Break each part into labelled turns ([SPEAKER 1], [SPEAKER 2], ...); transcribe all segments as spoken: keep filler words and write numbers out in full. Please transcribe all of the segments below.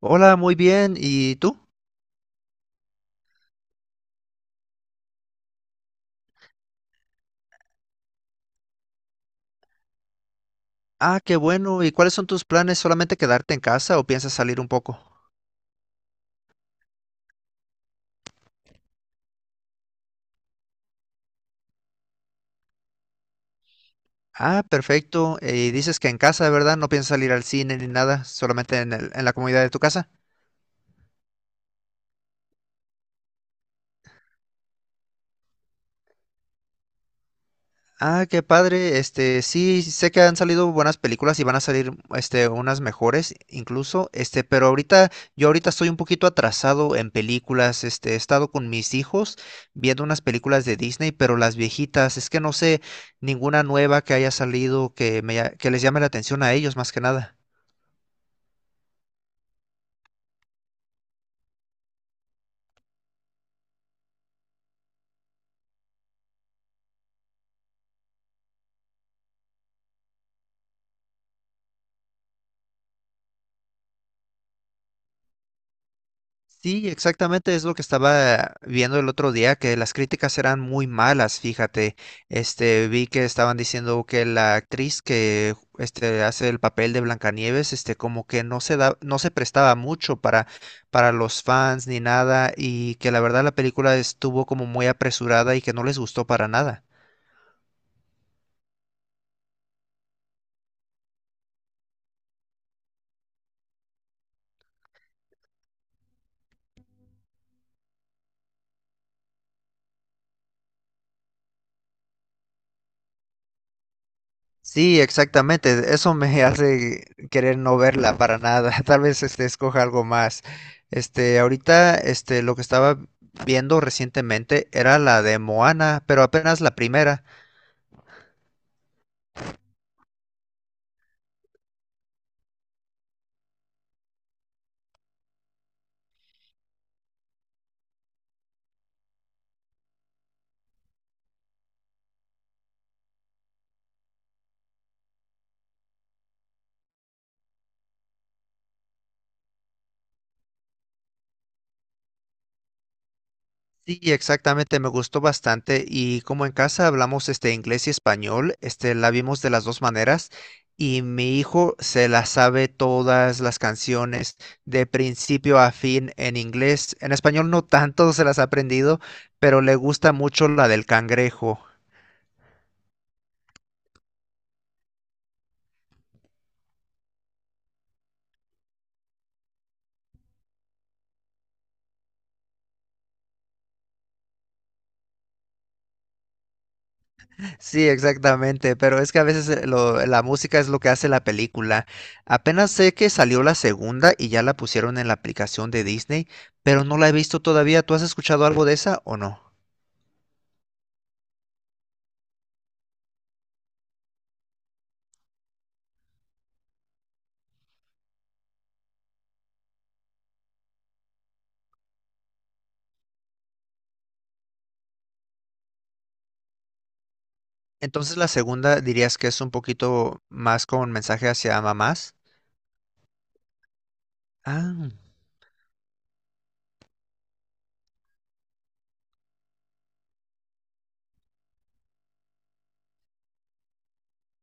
[SPEAKER 1] Hola, muy bien. ¿Y tú? Ah, qué bueno. ¿Y cuáles son tus planes? ¿Solamente quedarte en casa o piensas salir un poco? Ah, perfecto. Y dices que en casa, ¿verdad? No piensas salir al cine ni nada, solamente en el- en la comunidad de tu casa. Ah, qué padre. Este, sí, sé que han salido buenas películas y van a salir, este, unas mejores incluso. Este, pero ahorita, yo ahorita estoy un poquito atrasado en películas. Este, he estado con mis hijos viendo unas películas de Disney, pero las viejitas. Es que no sé ninguna nueva que haya salido que me, ha- que les llame la atención a ellos más que nada. Sí, exactamente es lo que estaba viendo el otro día, que las críticas eran muy malas, fíjate. Este, vi que estaban diciendo que la actriz que este hace el papel de Blancanieves, este como que no se da, no se prestaba mucho para para los fans ni nada y que la verdad la película estuvo como muy apresurada y que no les gustó para nada. Sí, exactamente. Eso me hace querer no verla para nada. Tal vez este escoja algo más. Este, ahorita, este, lo que estaba viendo recientemente era la de Moana, pero apenas la primera. Sí, exactamente, me gustó bastante y como en casa hablamos este inglés y español, este la vimos de las dos maneras y mi hijo se la sabe todas las canciones de principio a fin en inglés. En español no tanto se las ha aprendido, pero le gusta mucho la del cangrejo. Sí, exactamente, pero es que a veces eh, lo- la música es lo que hace la película. Apenas sé que salió la segunda y ya la pusieron en la aplicación de Disney, pero no la he visto todavía. ¿Tú has escuchado algo de esa o no? Entonces la segunda dirías que es un poquito más como un mensaje hacia mamás. Ah.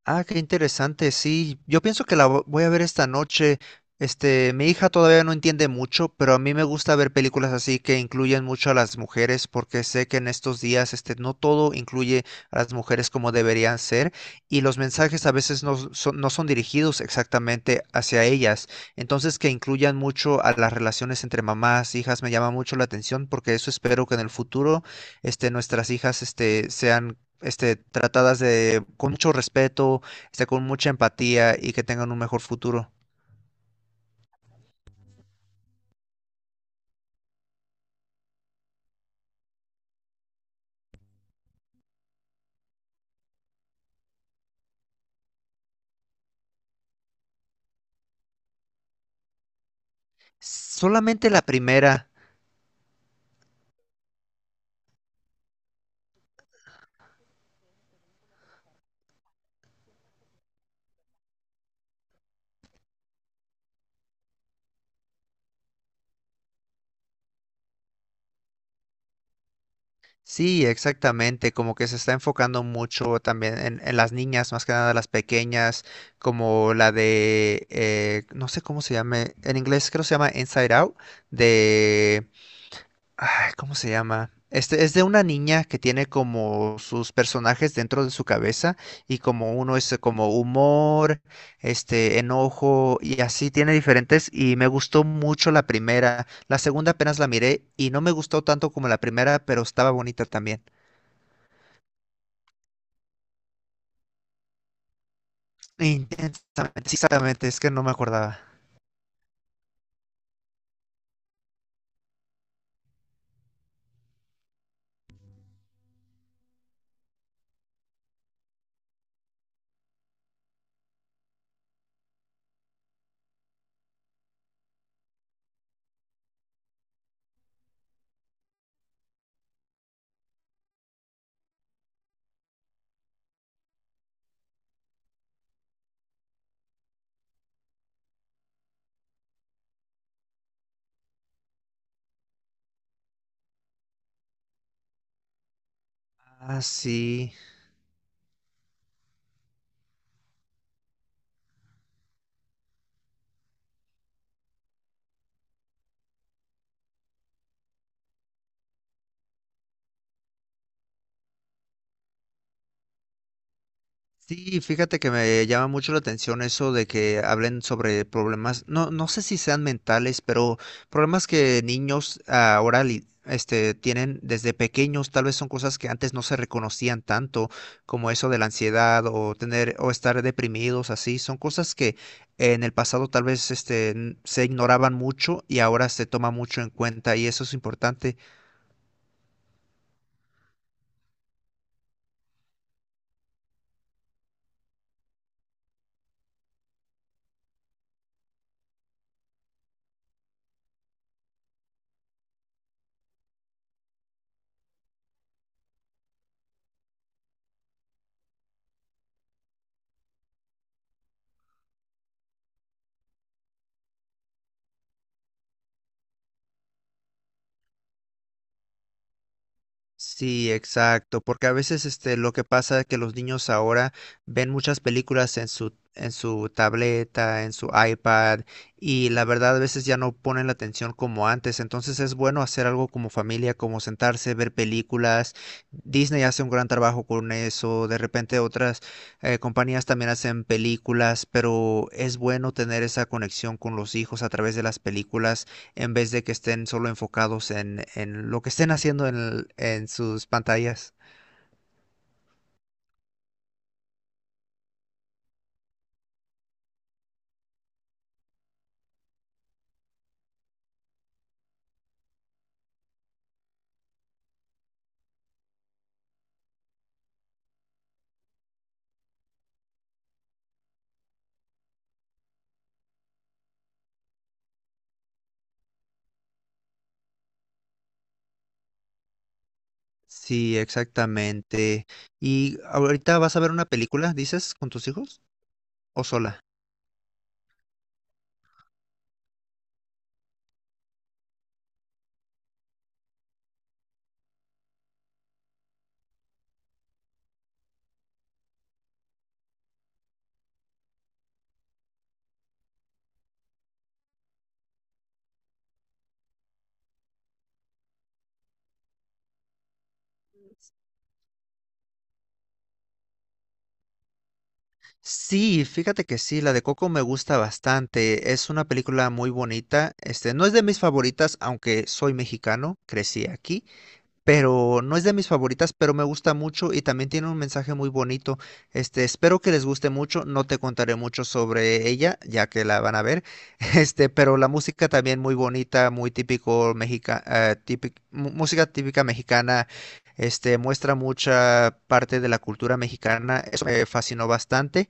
[SPEAKER 1] Ah, qué interesante, sí. Yo pienso que la vo- voy a ver esta noche. Este, mi hija todavía no entiende mucho, pero a mí me gusta ver películas así que incluyen mucho a las mujeres, porque sé que en estos días, este, no todo incluye a las mujeres como deberían ser, y los mensajes a veces no son, no son dirigidos exactamente hacia ellas. Entonces, que incluyan mucho a las relaciones entre mamás, hijas, me llama mucho la atención, porque eso espero que en el futuro, este, nuestras hijas, este, sean este, tratadas de, con mucho respeto, este, con mucha empatía y que tengan un mejor futuro. Solamente la primera, sí, exactamente, como que se está enfocando mucho también en, en las niñas, más que nada las pequeñas, como la de, eh, no sé cómo se llame, en inglés creo que se llama Inside Out, de. Ay, ¿cómo se llama? Este es de una niña que tiene como sus personajes dentro de su cabeza y como uno es como humor, este enojo y así tiene diferentes y me gustó mucho la primera. La segunda apenas la miré y no me gustó tanto como la primera, pero estaba bonita también. Intensamente, sí, exactamente, es que no me acordaba. Ah, sí. Sí, fíjate que me llama mucho la atención eso de que hablen sobre problemas, no, no sé si sean mentales, pero problemas que niños ahora li- este, tienen desde pequeños, tal vez son cosas que antes no se reconocían tanto, como eso de la ansiedad o tener o estar deprimidos, así, son cosas que en el pasado tal vez este, n- se ignoraban mucho y ahora se toma mucho en cuenta y eso es importante. Sí, exacto, porque a veces este lo que pasa es que los niños ahora ven muchas películas en su en su tableta, en su iPad, y la verdad a veces ya no ponen la atención como antes, entonces es bueno hacer algo como familia, como sentarse, ver películas. Disney hace un gran trabajo con eso, de repente otras eh, compañías también hacen películas, pero es bueno tener esa conexión con los hijos a través de las películas en vez de que estén solo enfocados en, en lo que estén haciendo en, el- en sus pantallas. Sí, exactamente. ¿Y ahorita vas a ver una película, dices, con tus hijos o sola? Sí, fíjate que sí, la de Coco me gusta bastante. Es una película muy bonita. Este, no es de mis favoritas, aunque soy mexicano, crecí aquí. Pero no es de mis favoritas, pero me gusta mucho y también tiene un mensaje muy bonito. Este, espero que les guste mucho, no te contaré mucho sobre ella, ya que la van a ver. Este, pero la música también muy bonita, muy típico mexica, eh, típic- mu- música típica mexicana. Este, muestra mucha parte de la cultura mexicana. Eso me fascinó bastante.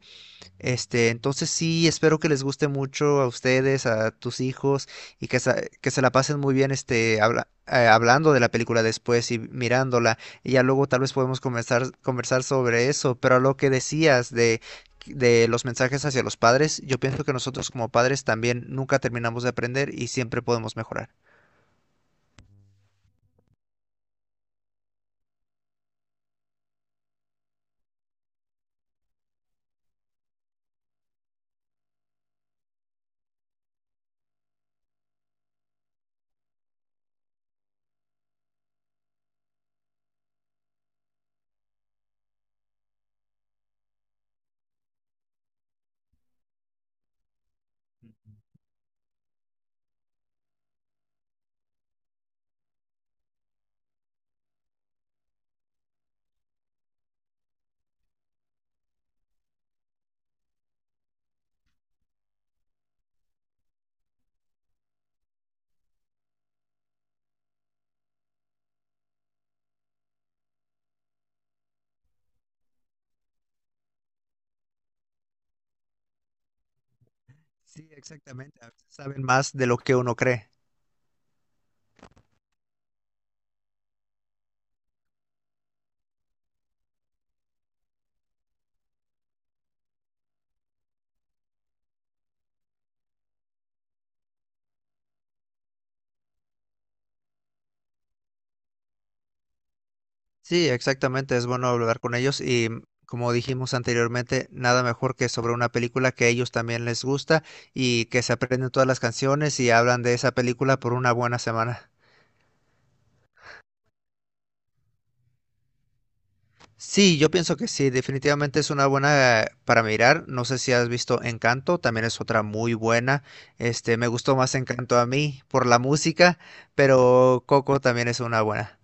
[SPEAKER 1] Este, entonces sí, espero que les guste mucho a ustedes, a tus hijos y que, se que se la pasen muy bien este, habla- eh, hablando de la película después y mirándola. Y ya luego tal vez podemos conversar, conversar sobre eso, pero a lo que decías de, de los mensajes hacia los padres, yo pienso que nosotros como padres también nunca terminamos de aprender y siempre podemos mejorar. Sí, exactamente. A veces saben más de lo que uno cree. Sí, exactamente, es bueno hablar con ellos y mm, como dijimos anteriormente, nada mejor que sobre una película que a ellos también les gusta y que se aprenden todas las canciones y hablan de esa película por una buena semana. Sí, yo pienso que sí, definitivamente es una buena eh, para mirar. No sé si has visto Encanto, también es otra muy buena. Este, me gustó más Encanto a mí por la música, pero Coco también es una buena.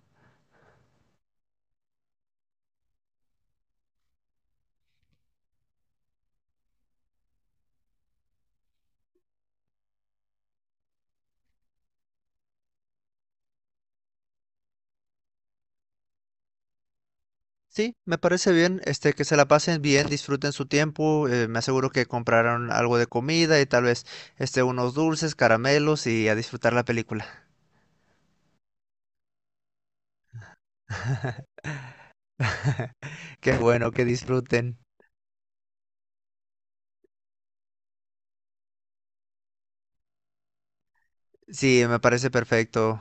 [SPEAKER 1] Sí, me parece bien, este, que se la pasen bien, disfruten su tiempo, eh, me aseguro que compraron algo de comida y tal vez, este, unos dulces, caramelos y a disfrutar la película. Qué bueno, que disfruten. Sí, me parece perfecto.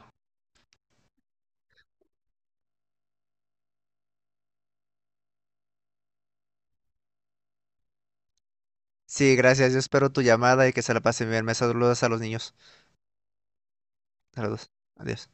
[SPEAKER 1] Sí, gracias, yo espero tu llamada y que se la pasen bien. Me saludas a los niños. Saludos. Adiós.